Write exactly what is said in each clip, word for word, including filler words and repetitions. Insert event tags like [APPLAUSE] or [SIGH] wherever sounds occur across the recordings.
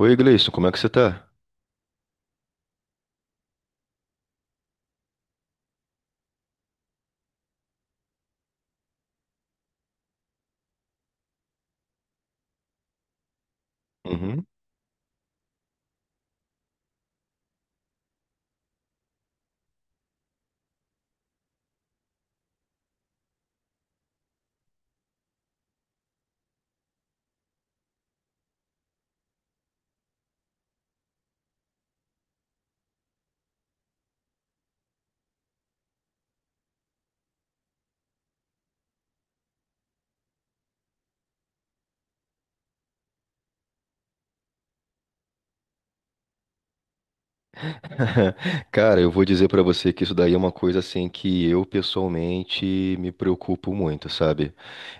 Oi, Gleison, como é que você tá? Uhum. [LAUGHS] Cara, eu vou dizer pra você que isso daí é uma coisa assim que eu pessoalmente me preocupo muito, sabe?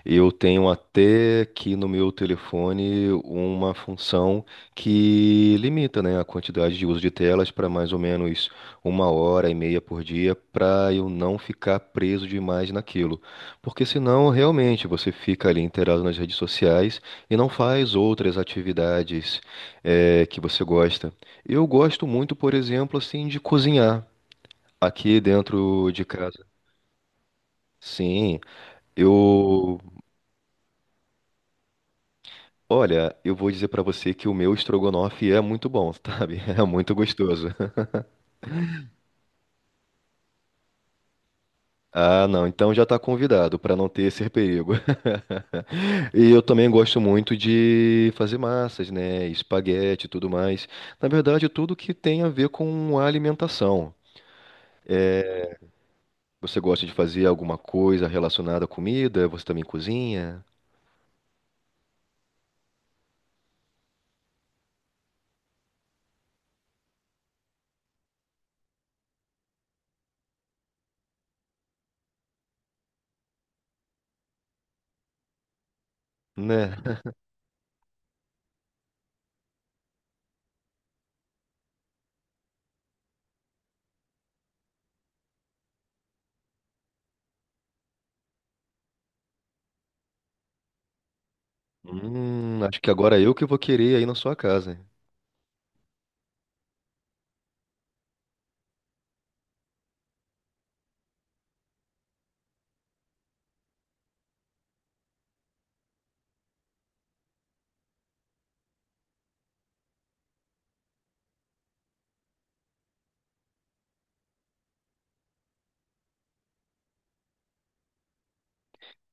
Eu tenho até aqui no meu telefone uma função que limita, né, a quantidade de uso de telas para mais ou menos uma hora e meia por dia, para eu não ficar preso demais naquilo. Porque senão, realmente, você fica ali inteirado nas redes sociais e não faz outras atividades, eh, que você gosta. Eu gosto muito, por exemplo, assim, de cozinhar aqui dentro de casa. Sim, eu, olha, eu vou dizer pra você que o meu estrogonofe é muito bom, sabe? [LAUGHS] É muito gostoso. Ah, não, então já tá convidado pra não ter esse perigo. [LAUGHS] E eu também gosto muito de fazer massas, né? Espaguete e tudo mais. Na verdade, tudo que tem a ver com a alimentação. Você gosta de fazer alguma coisa relacionada à comida? Você também cozinha, né? Hum, acho que agora eu que vou querer aí na sua casa.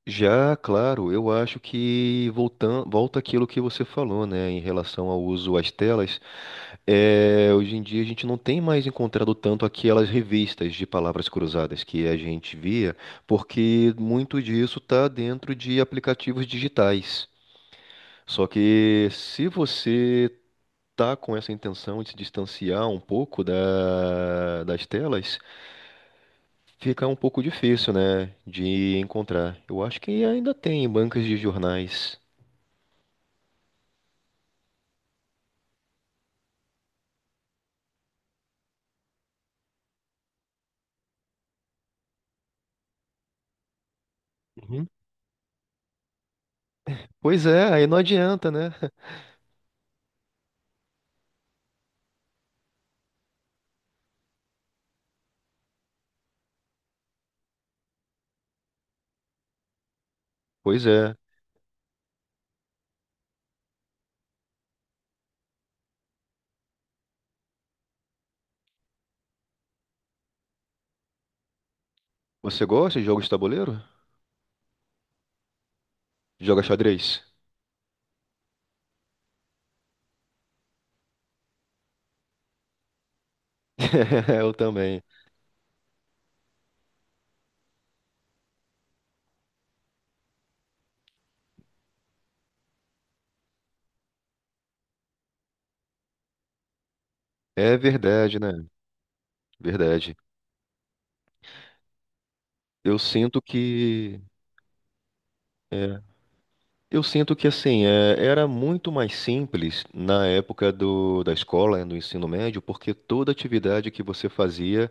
Já, claro, eu acho que voltando, volta aquilo que você falou, né, em relação ao uso às telas. É, hoje em dia a gente não tem mais encontrado tanto aquelas revistas de palavras cruzadas que a gente via, porque muito disso está dentro de aplicativos digitais. Só que se você tá com essa intenção de se distanciar um pouco da- das telas, fica um pouco difícil, né, de encontrar. Eu acho que ainda tem bancas de jornais. Uhum. Pois é, aí não adianta, né? [LAUGHS] Pois é. Você gosta de jogos de tabuleiro? Joga xadrez? [LAUGHS] Eu também. É verdade, né? Verdade. Eu sinto que. é, Eu sinto que assim, é, era muito mais simples na época do, da escola, né, do ensino médio, porque toda atividade que você fazia,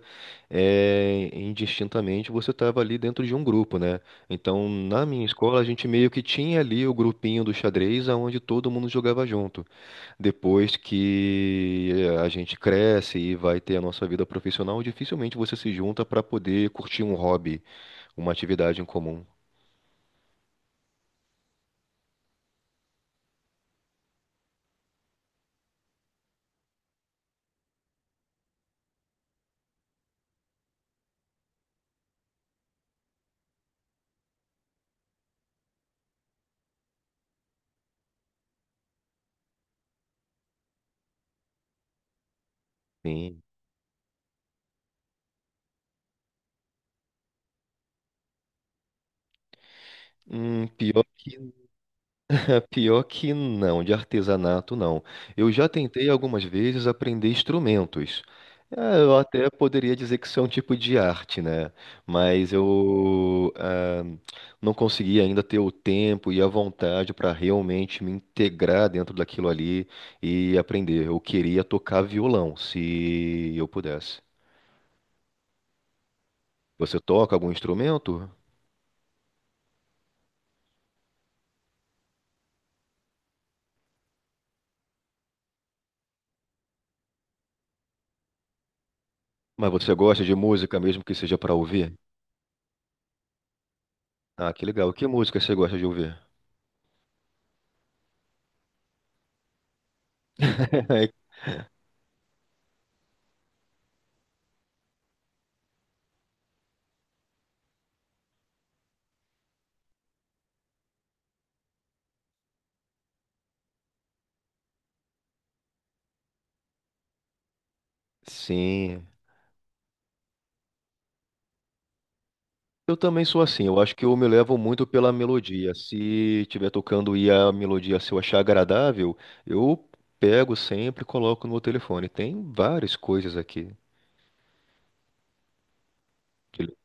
é, indistintamente, você estava ali dentro de um grupo, né? Então, na minha escola, a gente meio que tinha ali o grupinho do xadrez, onde todo mundo jogava junto. Depois que a gente cresce e vai ter a nossa vida profissional, dificilmente você se junta para poder curtir um hobby, uma atividade em comum. Sim. Hum, pior que Pior que não, de artesanato não. Eu já tentei algumas vezes aprender instrumentos. É, eu até poderia dizer que isso é um tipo de arte, né? Mas eu ah, não consegui ainda ter o tempo e a vontade para realmente me integrar dentro daquilo ali e aprender. Eu queria tocar violão, se eu pudesse. Você toca algum instrumento? Mas você gosta de música mesmo que seja para ouvir? Ah, que legal. Que música você gosta de ouvir? [LAUGHS] Sim. Eu também sou assim, eu acho que eu me levo muito pela melodia. Se estiver tocando e a melodia, se eu achar agradável, eu pego sempre e coloco no meu telefone. Tem várias coisas aqui. que ele-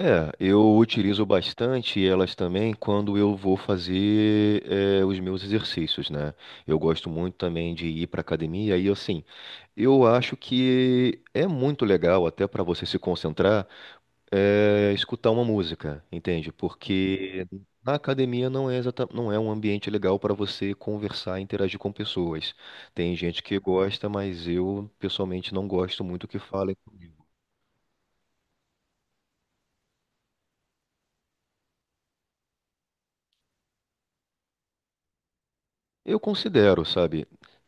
É, eu utilizo bastante elas também quando eu vou fazer eh, os meus exercícios, né? Eu gosto muito também de ir para academia e assim, eu acho que é muito legal até para você se concentrar. É, escutar uma música, entende? Porque na academia não é exata, não é um ambiente legal para você conversar e interagir com pessoas. Tem gente que gosta, mas eu pessoalmente não gosto muito que falem comigo. Eu considero, sabe?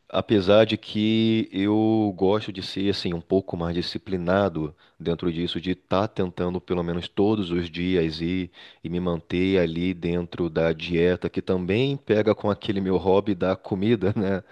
Apesar de que eu gosto de ser assim um pouco mais disciplinado dentro disso, de estar tentando pelo menos todos os dias ir e me manter ali dentro da dieta, que também pega com aquele meu hobby da comida, [LAUGHS] né?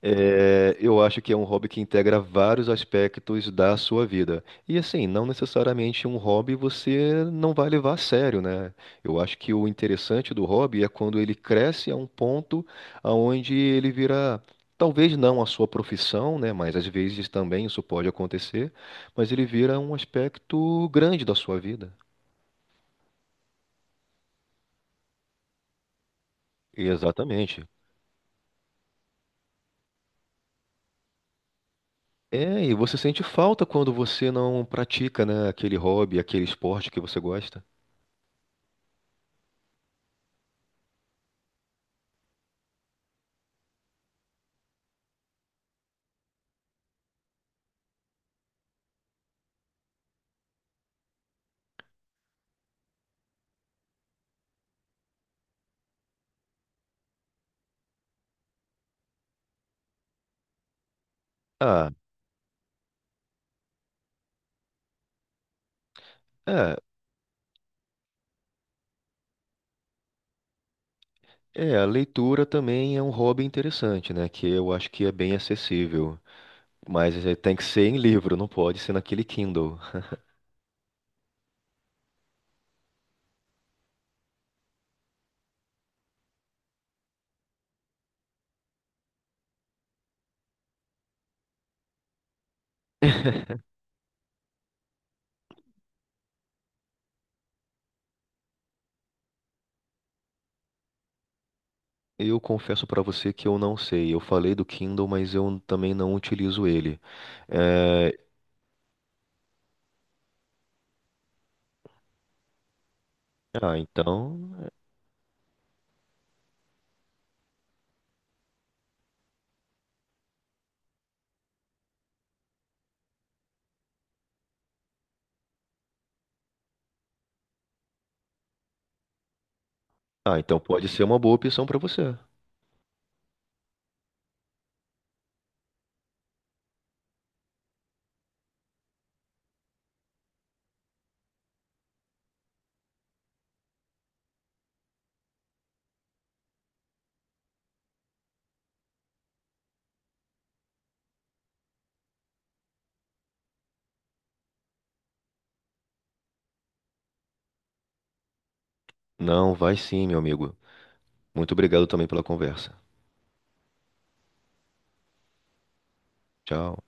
É, eu acho que é um hobby que integra vários aspectos da sua vida. E assim, não necessariamente um hobby você não vai levar a sério, né? Eu acho que o interessante do hobby é quando ele cresce a um ponto aonde ele vira, talvez não a sua profissão, né? Mas às vezes também isso pode acontecer, mas ele vira um aspecto grande da sua vida. Exatamente. É, e você sente falta quando você não pratica, né, aquele hobby, aquele esporte que você gosta. Ah, é. É, a leitura também é um hobby interessante, né? Que eu acho que é bem acessível. Mas é, tem que ser em livro, não pode ser naquele Kindle. Eu confesso pra você que eu não sei. Eu falei do Kindle, mas eu também não utilizo ele. É, Ah, então. Ah, então pode ser uma boa opção pra você. Não, vai sim, meu amigo. Muito obrigado também pela conversa. Tchau.